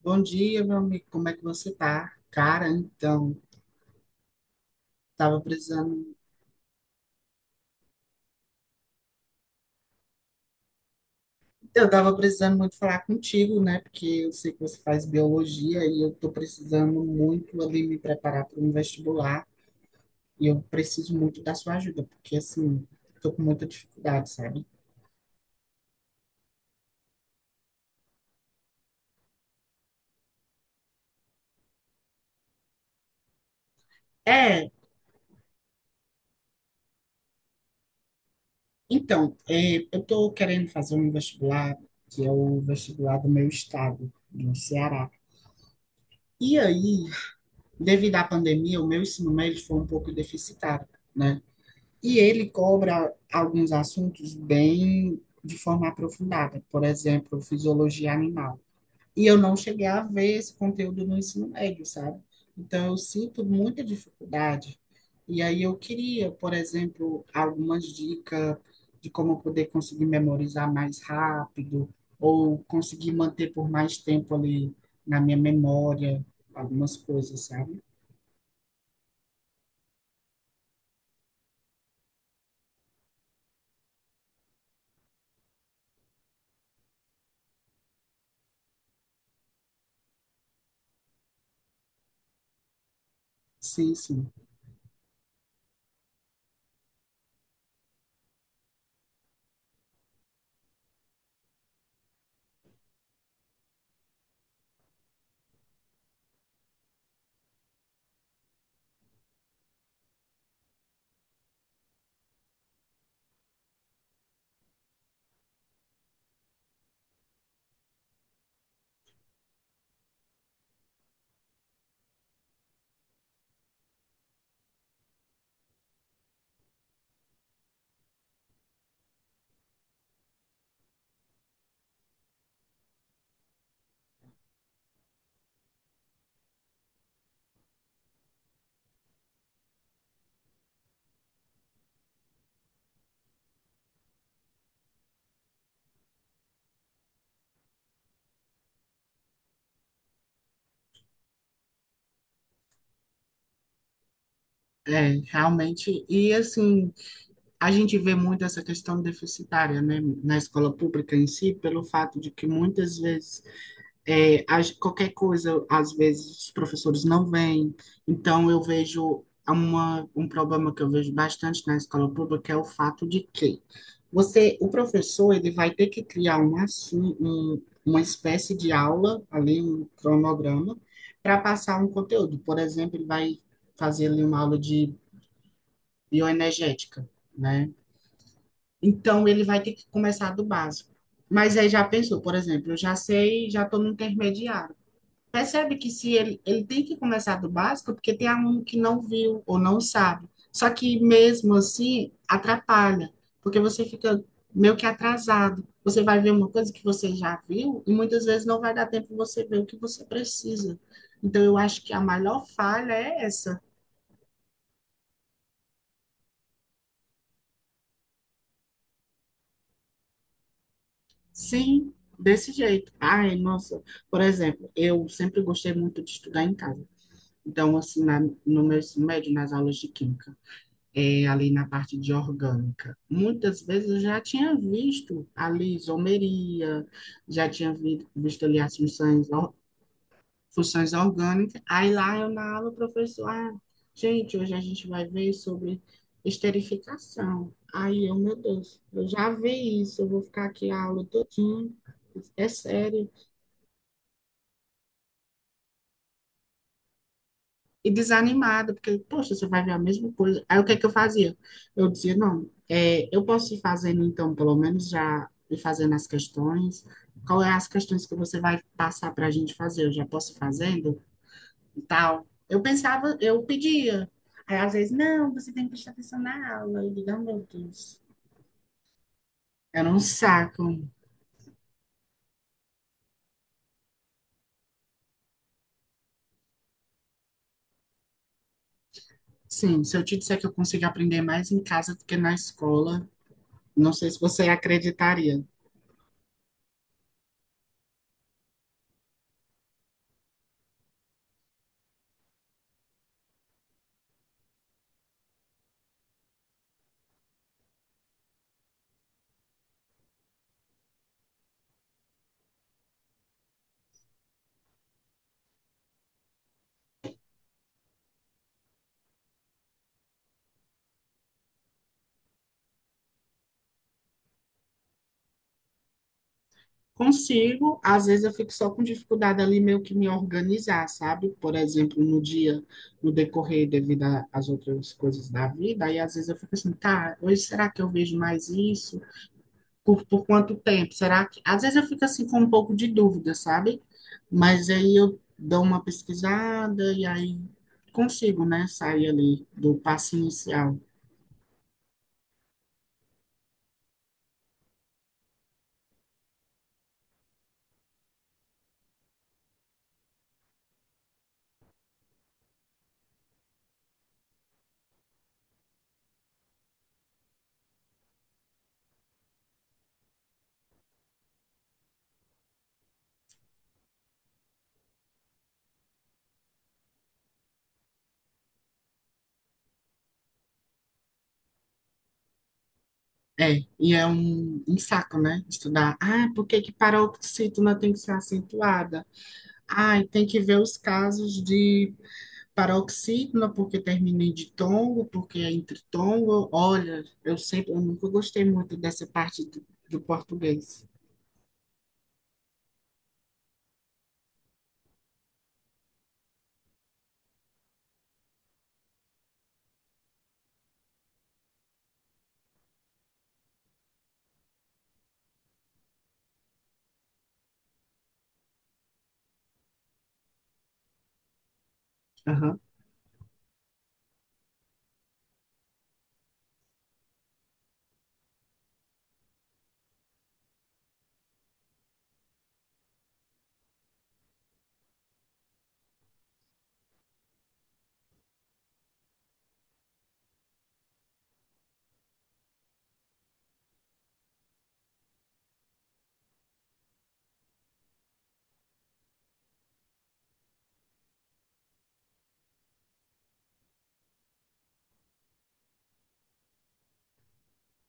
Bom dia, meu amigo. Como é que você tá? Cara, então, tava precisando, eu tava precisando muito falar contigo, né? Porque eu sei que você faz biologia e eu tô precisando muito ali me preparar para um vestibular e eu preciso muito da sua ajuda, porque assim, tô com muita dificuldade, sabe? É, então, eu tô querendo fazer um vestibular que é o vestibular do meu estado, do Ceará. E aí, devido à pandemia, o meu ensino médio foi um pouco deficitário, né? E ele cobra alguns assuntos bem de forma aprofundada, por exemplo, fisiologia animal. E eu não cheguei a ver esse conteúdo no ensino médio, sabe? Então eu sinto muita dificuldade. E aí eu queria, por exemplo, algumas dicas de como eu poder conseguir memorizar mais rápido ou conseguir manter por mais tempo ali na minha memória algumas coisas, sabe? Sim, sim. É, realmente. E assim, a gente vê muito essa questão deficitária, né, na escola pública em si, pelo fato de que muitas vezes qualquer coisa, às vezes os professores não vêm. Então eu vejo uma, um problema que eu vejo bastante na escola pública é o fato de que você, o professor, ele vai ter que criar uma espécie de aula, ali um cronograma, para passar um conteúdo. Por exemplo, ele vai fazer ali uma aula de bioenergética, né? Então, ele vai ter que começar do básico. Mas aí já pensou, por exemplo, eu já sei, já estou no intermediário. Percebe que se ele tem que começar do básico, porque tem aluno que não viu ou não sabe. Só que mesmo assim, atrapalha, porque você fica meio que atrasado. Você vai ver uma coisa que você já viu e muitas vezes não vai dar tempo de você ver o que você precisa. Então, eu acho que a maior falha é essa. Sim, desse jeito. Ai, nossa, por exemplo, eu sempre gostei muito de estudar em casa. Então, assim, no meu ensino médio, nas aulas de química, ali na parte de orgânica, muitas vezes eu já tinha visto ali isomeria, já tinha visto ali as funções orgânicas. Aí lá eu na aula, o professor, ah, gente, hoje a gente vai ver sobre esterificação. Aí eu, meu Deus, eu já vi isso, eu vou ficar aqui a aula todinha, é sério. E desanimada, porque, poxa, você vai ver a mesma coisa. Aí o que é que eu fazia? Eu dizia, não, eu posso ir fazendo, então, pelo menos já ir fazendo as questões. Qual é as questões que você vai passar para a gente fazer? Eu já posso ir fazendo? E tal. Eu pensava, eu pedia. Aí às vezes, não, você tem que prestar atenção na aula. E digo, "Ah, meu Deus. Era um saco. Sim, se eu te disser que eu consigo aprender mais em casa do que na escola, não sei se você acreditaria. Consigo, às vezes eu fico só com dificuldade ali meio que me organizar, sabe? Por exemplo, no dia, no decorrer devido às outras coisas da vida, aí às vezes eu fico assim, tá, hoje será que eu vejo mais isso? Por quanto tempo? Será que. Às vezes eu fico assim com um pouco de dúvida, sabe? Mas aí eu dou uma pesquisada e aí consigo, né? Sair ali do passo inicial. É, e é um saco, né? Estudar. Ah, por que que paroxítona tem que ser acentuada? Ah, e tem que ver os casos de paroxítona, porque termina em ditongo, porque é entre tongo. Olha, eu sempre, eu nunca gostei muito dessa parte do português. Aham.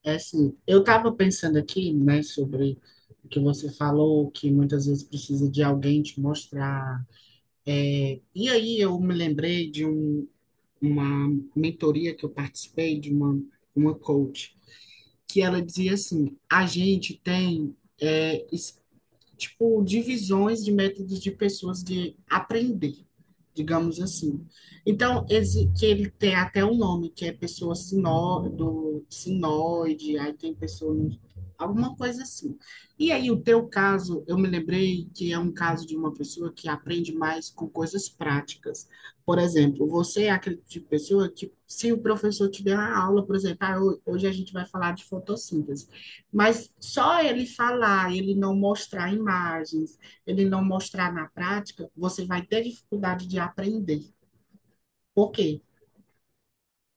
É assim, eu estava pensando aqui, né, sobre o que você falou, que muitas vezes precisa de alguém te mostrar. E aí eu me lembrei de um, uma mentoria que eu participei de uma coach, que ela dizia assim: a gente tem tipo, divisões de métodos de pessoas de aprender, digamos assim. Então, esse, que ele tem até um nome, que é pessoa do sinoide, aí tem pessoa, alguma coisa assim. E aí, o teu caso, eu me lembrei que é um caso de uma pessoa que aprende mais com coisas práticas. Por exemplo, você é aquele tipo de pessoa que, se o professor tiver uma aula, por exemplo, ah, hoje a gente vai falar de fotossíntese. Mas só ele falar, ele não mostrar imagens, ele não mostrar na prática, você vai ter dificuldade de aprender. Por quê?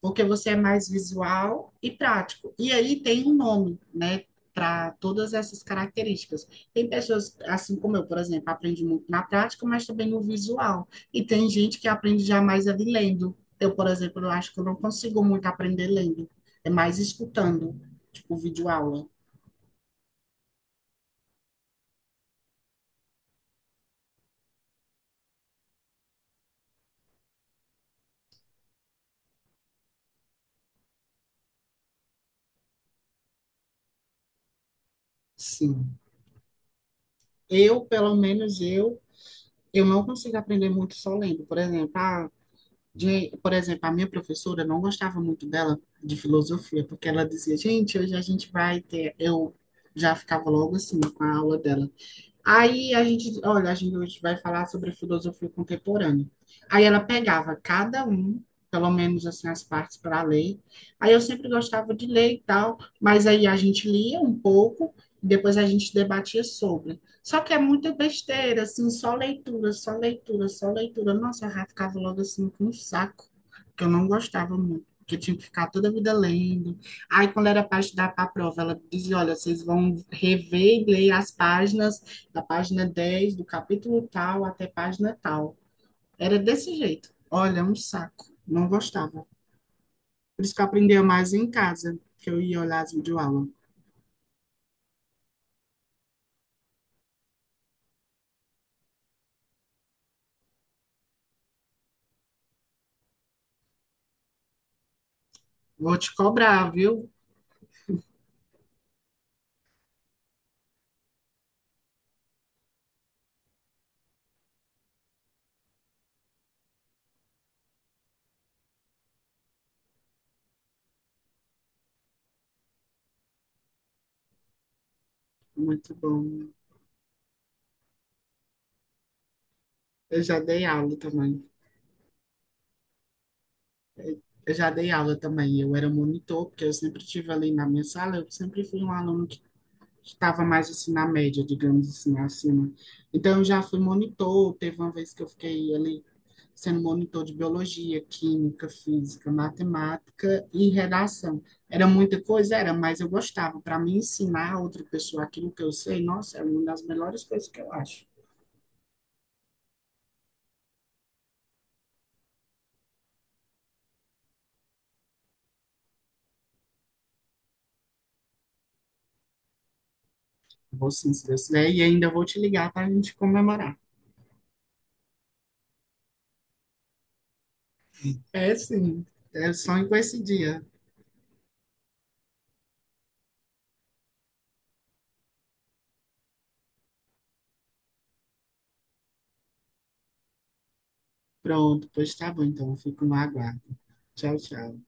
Porque você é mais visual e prático. E aí tem um nome, né, para todas essas características. Tem pessoas, assim como eu, por exemplo, aprende muito na prática, mas também no visual. E tem gente que aprende jamais ali lendo. Eu, por exemplo, eu acho que eu não consigo muito aprender lendo, é mais escutando, tipo vídeo aula. Sim. Eu, pelo menos eu, não consigo aprender muito só lendo. Por exemplo, por exemplo, a minha professora eu não gostava muito dela de filosofia, porque ela dizia, gente, hoje a gente vai ter. Eu já ficava logo assim com a aula dela. Aí a gente hoje vai falar sobre filosofia contemporânea. Aí ela pegava cada um, pelo menos assim, as partes para ler. Aí eu sempre gostava de ler e tal, mas aí a gente lia um pouco e depois a gente debatia sobre. Só que é muita besteira, assim, só leitura, só leitura, só leitura. Nossa, eu já ficava logo assim com um saco, que eu não gostava muito. Porque eu tinha que ficar toda a vida lendo. Aí, quando era para estudar para a prova, ela dizia: Olha, vocês vão rever e ler as páginas da página 10 do capítulo tal até página tal. Era desse jeito. Olha, um saco. Não gostava. Por isso que eu aprendia mais em casa, que eu ia olhar as videoaulas. Vou te cobrar, viu? Muito bom. Eu já dei aula também. Eu já dei aula também. Eu era monitor, porque eu sempre estive ali na minha sala. Eu sempre fui um aluno estava mais assim na média, digamos assim, acima. Então eu já fui monitor, teve uma vez que eu fiquei ali sendo monitor de biologia, química, física, matemática e redação. Era muita coisa, era, mas eu gostava. Para mim ensinar a outra pessoa aquilo que eu sei, nossa, é uma das melhores coisas que eu acho. Vou sim, se Deus quiser, e ainda vou te ligar para a gente comemorar. É sim, eu sonho com esse dia. Pronto, pois tá bom, então eu fico no aguardo. Tchau, tchau.